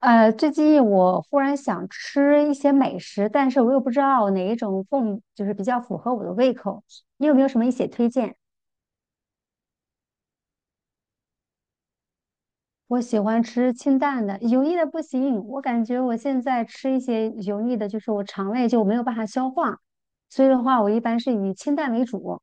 最近我忽然想吃一些美食，但是我又不知道哪一种更比较符合我的胃口。你有没有什么一些推荐？我喜欢吃清淡的，油腻的不行。我感觉我现在吃一些油腻的，就是我肠胃就没有办法消化，所以的话，我一般是以清淡为主。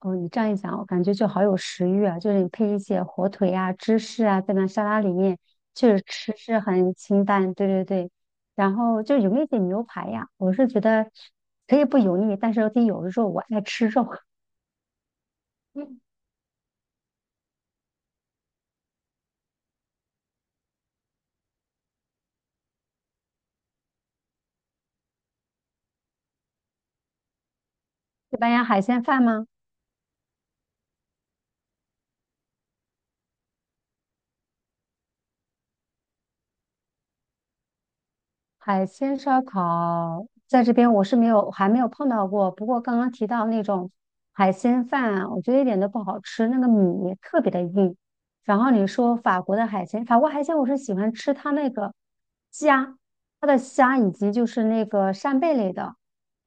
哦，你这样一讲，我感觉就好有食欲啊！就是你配一些火腿啊、芝士啊，在那沙拉里面，确实吃是很清淡。对对对，然后就有没有一点牛排呀？我是觉得可以不油腻，但是得有肉，我爱吃肉。嗯。西班牙海鲜饭吗？海鲜烧烤在这边我是没有，还没有碰到过。不过刚刚提到那种海鲜饭，我觉得一点都不好吃，那个米特别的硬。然后你说法国的海鲜，法国海鲜我是喜欢吃它那个虾，它的虾以及就是那个扇贝类的。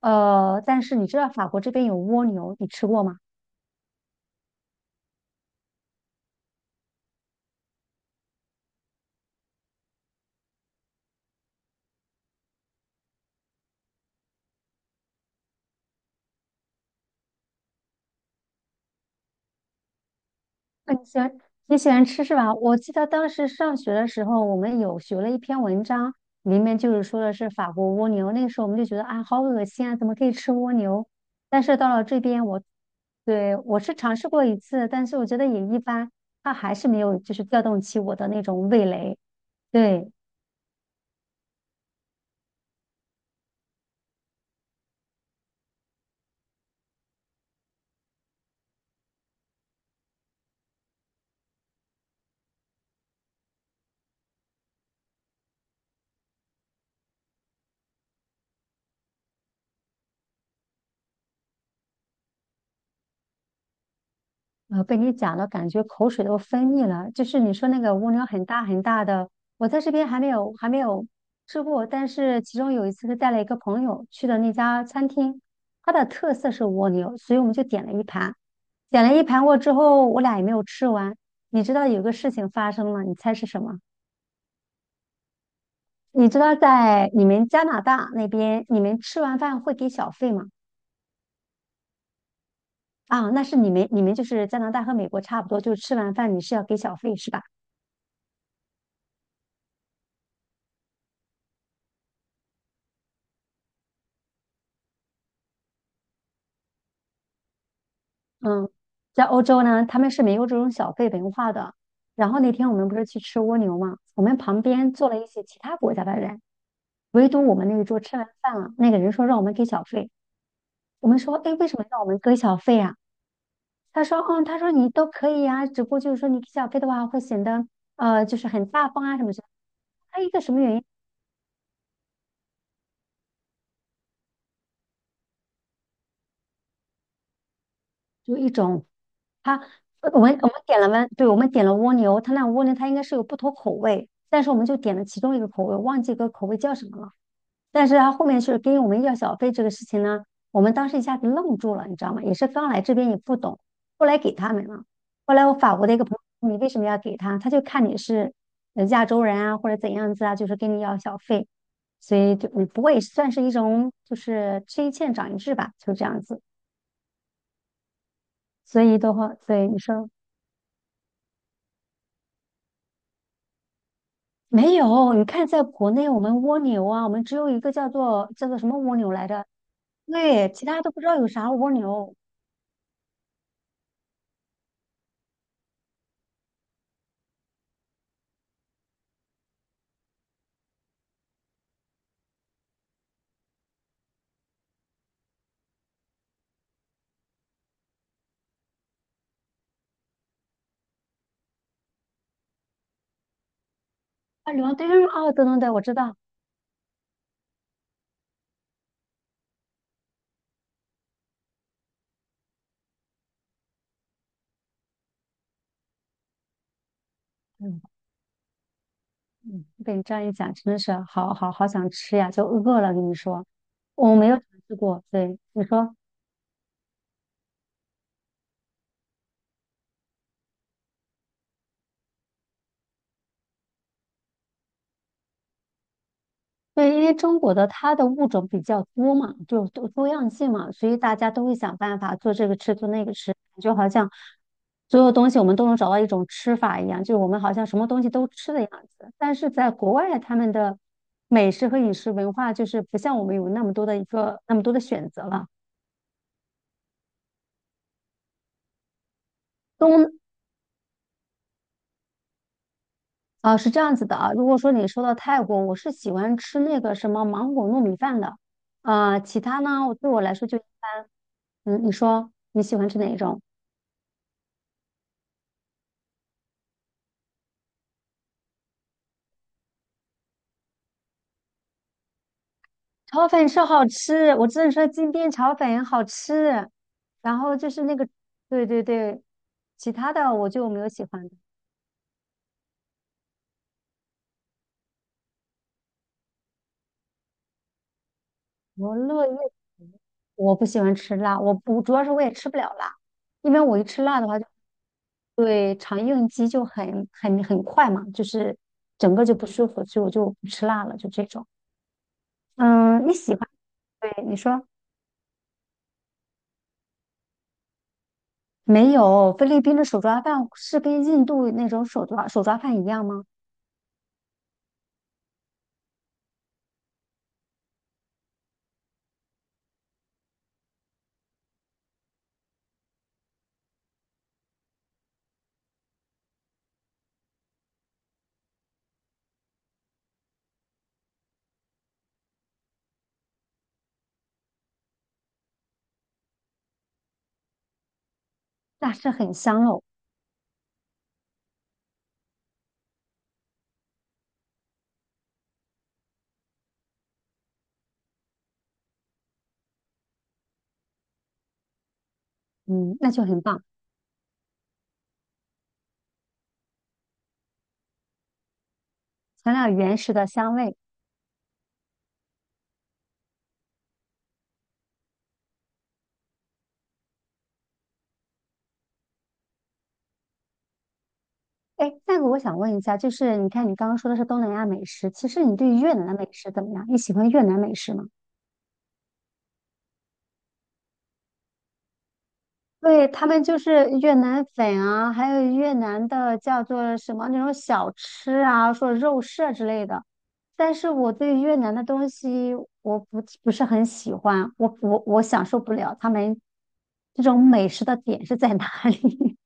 但是你知道法国这边有蜗牛，你吃过吗？那你喜欢你喜欢吃是吧？我记得当时上学的时候，我们有学了一篇文章，里面就是说的是法国蜗牛。那个时候我们就觉得啊，好恶心啊，怎么可以吃蜗牛？但是到了这边我，对我是尝试过一次，但是我觉得也一般，它还是没有就是调动起我的那种味蕾。对。被你讲了，感觉口水都分泌了。就是你说那个蜗牛很大很大的，我在这边还没有吃过，但是其中有一次是带了一个朋友去的那家餐厅，它的特色是蜗牛，所以我们就点了一盘，点了一盘过之后，我俩也没有吃完。你知道有个事情发生了，你猜是什么？你知道在你们加拿大那边，你们吃完饭会给小费吗？啊，那是你们就是加拿大和美国差不多，就是吃完饭你是要给小费是吧？嗯，在欧洲呢，他们是没有这种小费文化的。然后那天我们不是去吃蜗牛嘛，我们旁边坐了一些其他国家的人，唯独我们那一桌吃完饭了，那个人说让我们给小费，我们说，哎，为什么让我们给小费啊？他说，嗯，他说你都可以呀、只不过就是说你给小费的话会显得就是很大方啊什么什么。还有一个什么原因？就一种，他我们点了温，对，我们点了蜗牛，他那蜗牛它应该是有不同口味，但是我们就点了其中一个口味，忘记个口味叫什么了。但是他后面是跟我们要小费这个事情呢，我们当时一下子愣住了，你知道吗？也是刚来这边也不懂，后来给他们了。后来我法国的一个朋友你为什么要给他？他就看你是亚洲人啊，或者怎样子啊，就是跟你要小费，所以就嗯，不过也算是一种就是吃一堑长一智吧，就这样子。所以的话，所以你说没有，你看在国内我们蜗牛啊，我们只有一个叫做什么蜗牛来着？对，其他都不知道有啥蜗牛。啊，流浪对，嗯哦，等等对，我知道。嗯嗯，被你这样一讲，真的是好好好想吃呀，就饿了。跟你说，我没有尝试过。对，你说对，因为中国的它的物种比较多嘛，就多多样性嘛，所以大家都会想办法做这个吃，做那个吃，感觉好像所有东西我们都能找到一种吃法一样，就是我们好像什么东西都吃的样子。但是在国外，他们的美食和饮食文化就是不像我们有那么多的一个那么多的选择了。东。啊，是这样子的啊。如果说你说到泰国，我是喜欢吃那个什么芒果糯米饭的，啊，其他呢，我对我来说就一般。嗯，你说你喜欢吃哪一种？炒粉是好吃，我只能说金边炒粉好吃。然后就是那个，对对对，其他的我就没有喜欢的。我乐意，我不喜欢吃辣，我不主要是我也吃不了辣，因为我一吃辣的话就。对，肠应激就很很快嘛，就是整个就不舒服，所以我就不吃辣了，就这种。嗯，你喜欢？对，你说没有？菲律宾的手抓饭是跟印度那种手抓饭一样吗？那是很香哦，嗯，那就很棒，尝到原始的香味。哎，那个我想问一下，就是你看你刚刚说的是东南亚美食，其实你对越南的美食怎么样？你喜欢越南美食吗？对，他们就是越南粉啊，还有越南的叫做什么那种小吃啊，说肉馅之类的。但是我对越南的东西我不是很喜欢，我享受不了他们这种美食的点是在哪里？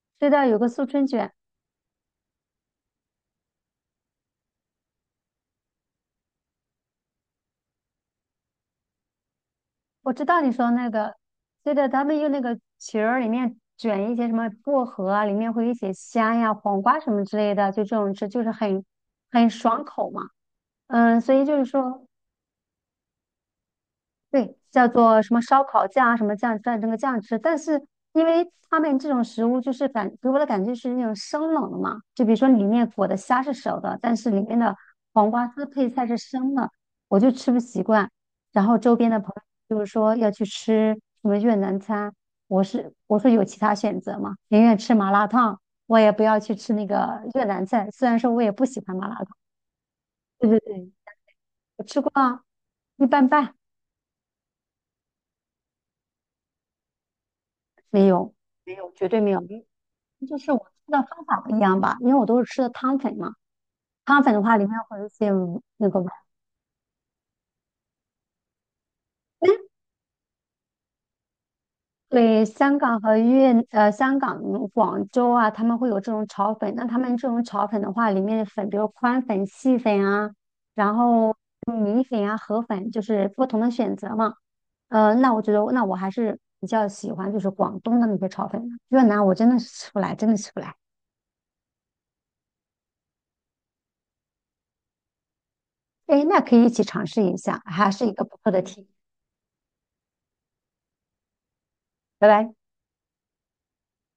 知道有个素春卷，我知道你说那个，对的，他们用那个皮儿里面卷一些什么薄荷啊，里面会有一些虾呀、黄瓜什么之类的，就这种吃就是很爽口嘛。嗯，所以就是说。对，叫做什么烧烤酱啊，什么酱蘸这个酱吃。但是因为他们这种食物就是给我的感觉是那种生冷的嘛，就比如说里面裹的虾是熟的，但是里面的黄瓜丝配菜是生的，我就吃不习惯。然后周边的友就是说要去吃什么越南餐，我是我说有其他选择吗？宁愿吃麻辣烫，我也不要去吃那个越南菜。虽然说我也不喜欢麻辣烫，对对对，我吃过啊，一般般，没有，没有，绝对没有。就是我吃的方法不一样吧，因为我都是吃的汤粉嘛。汤粉的话，里面会有一些那个，对，香港和粤香港、广州啊，他们会有这种炒粉。那他们这种炒粉的话，里面的粉，比如宽粉、细粉啊，然后米粉啊、河粉，就是不同的选择嘛。那我觉得，那我还是比较喜欢就是广东的那些炒粉的越南我真的是吃不来，真的吃不来。哎，那可以一起尝试一下，还是一个不错的提议。拜拜。